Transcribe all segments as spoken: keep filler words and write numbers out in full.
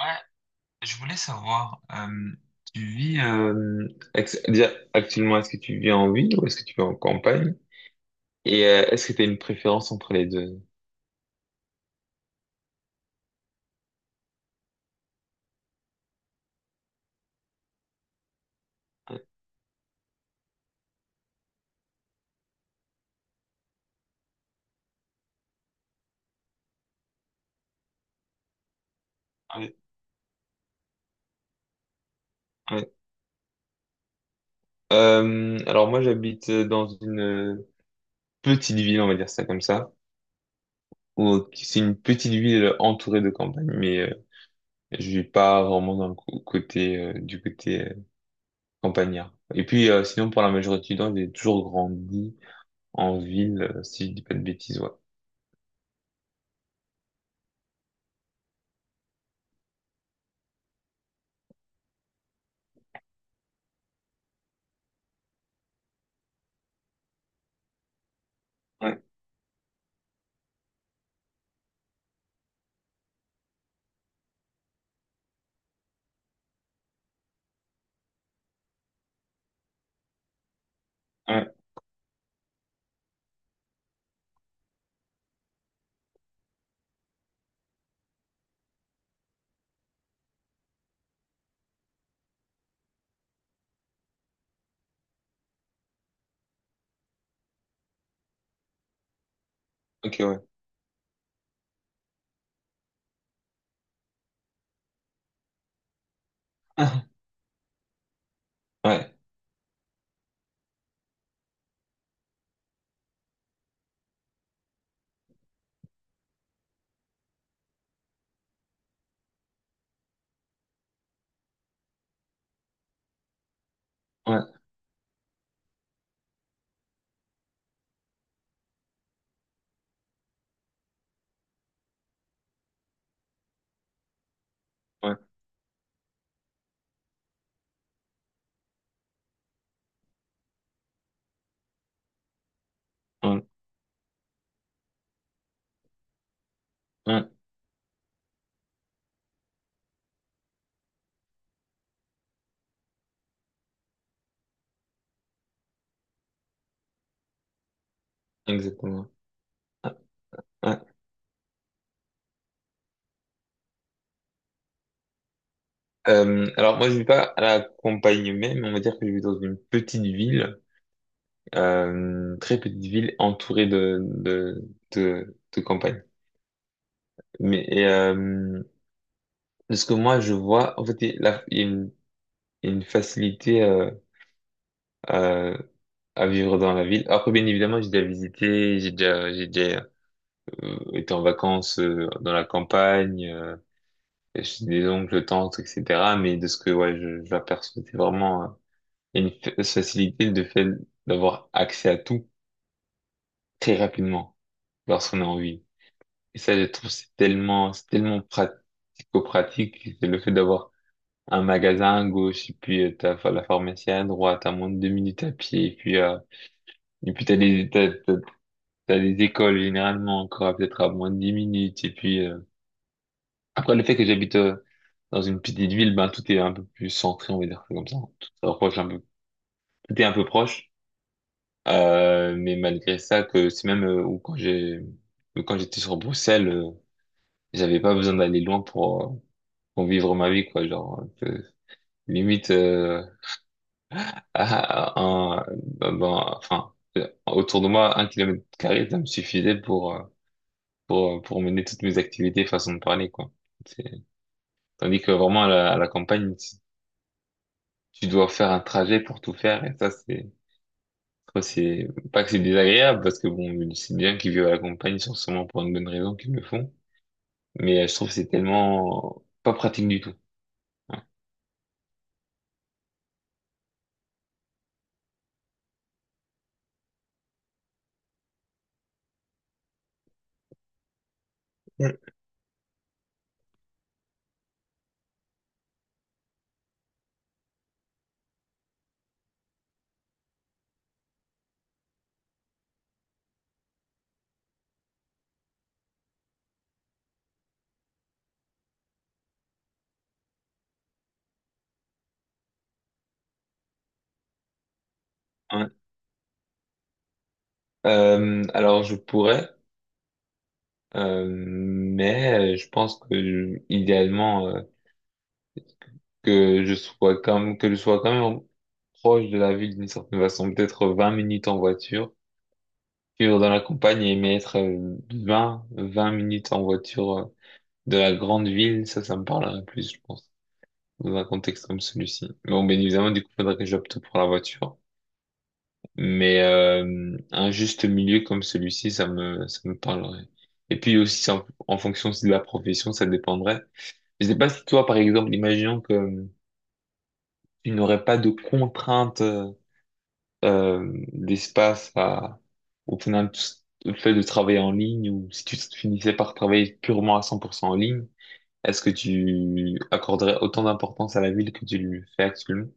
Ouais, je voulais savoir, euh, tu vis euh, ex- déjà, actuellement, est-ce que tu vis en ville ou est-ce que tu vis en campagne? Et euh, est-ce que tu as une préférence entre les deux? Ouais, ouais, ouais. Euh, alors moi, j'habite euh, dans une euh, petite ville, on va dire ça comme ça, où c'est une petite ville entourée de campagne, mais euh, je vis pas vraiment dans le cô- côté euh, du côté euh, campagnard. Et puis euh, sinon, pour la majorité du temps, j'ai toujours grandi en ville, euh, si je dis pas de bêtises, ouais. Ouais, ouais, ok, ouais. Ouais, ouais, ouais, ouais, ouais, exactement. Ouais, ouais. Euh, alors moi je vis pas à la campagne même, on va dire que je vis dans une petite ville, euh, très petite ville entourée de de de, de campagne. Mais et, euh, de ce que moi je vois, en fait il y a la- il y a une, il y a une facilité euh, à, à vivre dans la ville. Après bien évidemment j'ai déjà visité, j'ai déjà j'ai déjà euh, été en vacances euh, dans la campagne. euh, j'ai des oncles, tantes, et cetera. Mais de ce que ouais, je- j'aperçois, c'est vraiment euh, une fa- facilité de fait d'avoir accès à tout très rapidement lorsqu'on a envie. Et ça, je trouve, c'est tellement, c'est tellement pratico-pratique. C'est le fait d'avoir un magasin à gauche, et puis euh, t'as fa- la pharmacie à droite, à moins de deux minutes à pied, et puis, euh, et puis t'as des, t'as, t'as- t'as des écoles généralement encore à peut-être à moins de dix minutes, et puis, euh, après, le fait que j'habite euh, dans une petite ville, ben, tout est un peu plus centré, on va dire ça comme ça. Tout est proche un peu, tout est un peu proche. Euh, mais malgré ça, que c'est même euh, où quand j'ai, que quand j'étais sur Bruxelles, euh, j'avais pas besoin d'aller loin pour, euh, pour vivre ma vie, quoi. Genre, euh, limite, euh, à, à- un, ben, ben, enfin, euh, autour de moi, un kilomètre carré, ça me suffisait pour, euh, pour, pour mener toutes mes activités, façon de parler, quoi. C'est- Tandis que vraiment à la, à la campagne, tu dois faire un trajet pour tout faire et ça c'est après, c'est pas que c'est désagréable parce que bon c'est bien qu'ils vivent à la campagne ils sont sûrement pour une bonne raison qu'ils le font mais euh, je trouve que c'est tellement pas pratique du tout hein. Mm. Ouais. Euh, alors je pourrais euh, mais euh, je pense que je- idéalement euh, que je sois quand même, que je sois quand même proche de la ville d'une certaine façon peut-être vingt minutes en voiture vivre dans la campagne et m'y être vingt 20 minutes en voiture euh, de la grande ville, ça, ça me parlerait plus, je pense, dans un contexte comme celui-ci. Bon, bien évidemment, du coup, faudrait que j'opte pour la voiture. Mais euh, un juste milieu comme celui-ci, ça me, ça me parlerait. Et puis aussi, c'est en, en fonction aussi de la profession, ça dépendrait. Je sais pas si toi, par exemple, imaginons que euh, tu n'aurais pas de contraintes euh, euh, d'espace à, au final, tout ce- le fait de travailler en ligne ou si tu finissais par travailler purement à cent pour cent en ligne, est-ce que tu accorderais autant d'importance à la ville que tu le fais actuellement?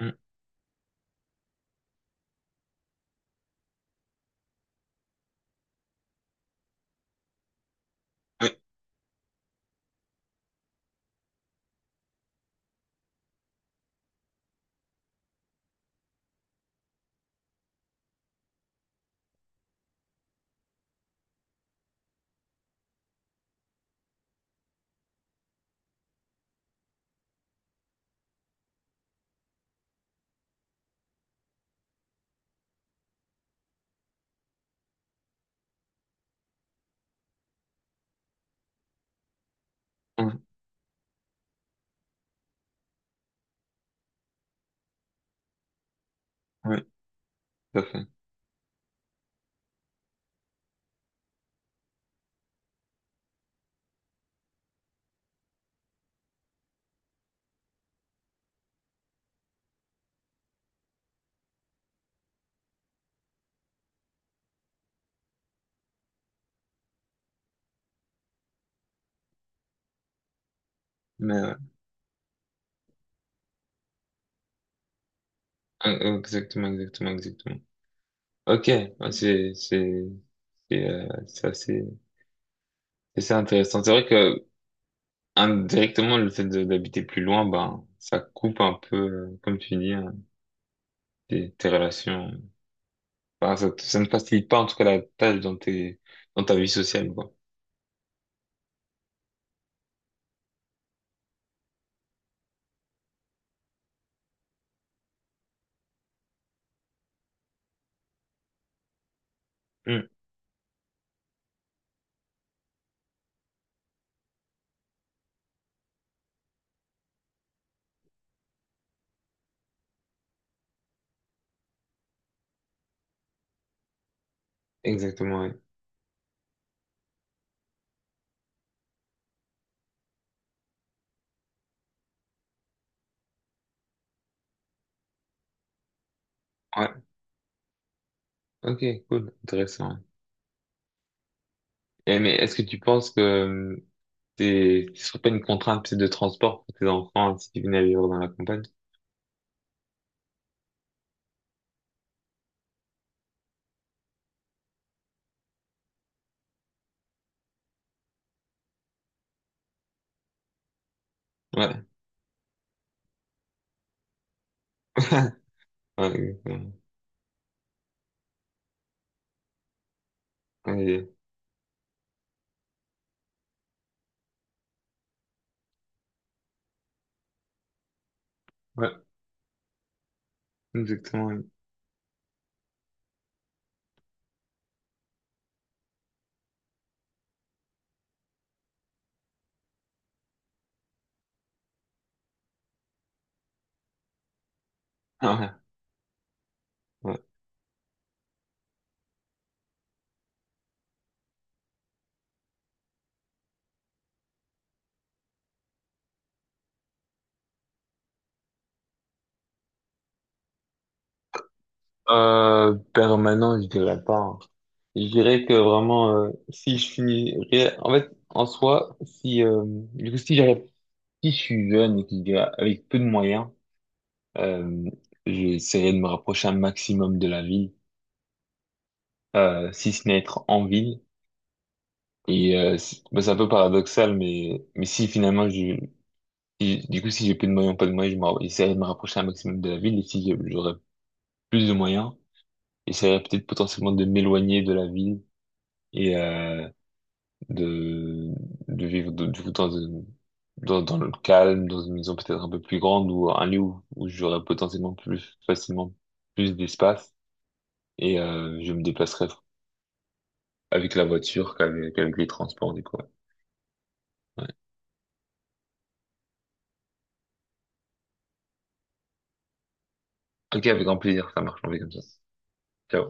Mm. Oui, oui, oui, tout à fait. Mais ouais. Euh, euh, exactement, exactement, exactement. Ok, ouais, c'est c'est c'est euh, c'est assez c'est assez intéressant. C'est vrai que indirectement le fait de- d'habiter plus loin, ben ça coupe un peu, euh, comme tu dis, hein, tes, tes relations. Enfin, ça, te- ça ne facilite pas en tout cas la tâche dans tes dans ta vie sociale, quoi. Mm. Exactement, ouais. Ouais, ok, cool, intéressant. Et, mais est-ce que tu penses que hum, c'est, ce serait une contrainte peut de transport pour tes enfants si tu venais à vivre dans la campagne. Ouais. Ouais, Ouais, ouais, exactement. Oui. Ah ouais, ouais. Euh, permanent, je dirais pas. Hein. Je dirais que vraiment, euh, si je finirais, en fait, en soi, si, euh, du coup, si j'arrive- si je suis jeune et que je dirais avec peu de moyens, euh, j'essaierai de me rapprocher un maximum de la ville, euh, si ce n'est être en ville. Et euh, c'est- bah, c'est un peu paradoxal, mais, mais si finalement, je, si- du coup, si j'ai plus de moyens, pas de moyens, je m'en- j'essaierai de me rapprocher un maximum de la ville. Et si j'ai- j'aurais plus de moyens, j'essaierai peut-être potentiellement de m'éloigner de la ville et euh, de, de vivre de- du coup dans, une- dans, dans le calme, dans une maison peut-être un peu plus grande ou un lieu où, où j'aurais potentiellement plus facilement plus d'espace. Et euh, je me déplacerai avec la voiture qu'avec qu'avec les transports, du coup. Ouais. Ouais. Ok, avec grand plaisir, ça marche, on fait comme ça. Ciao.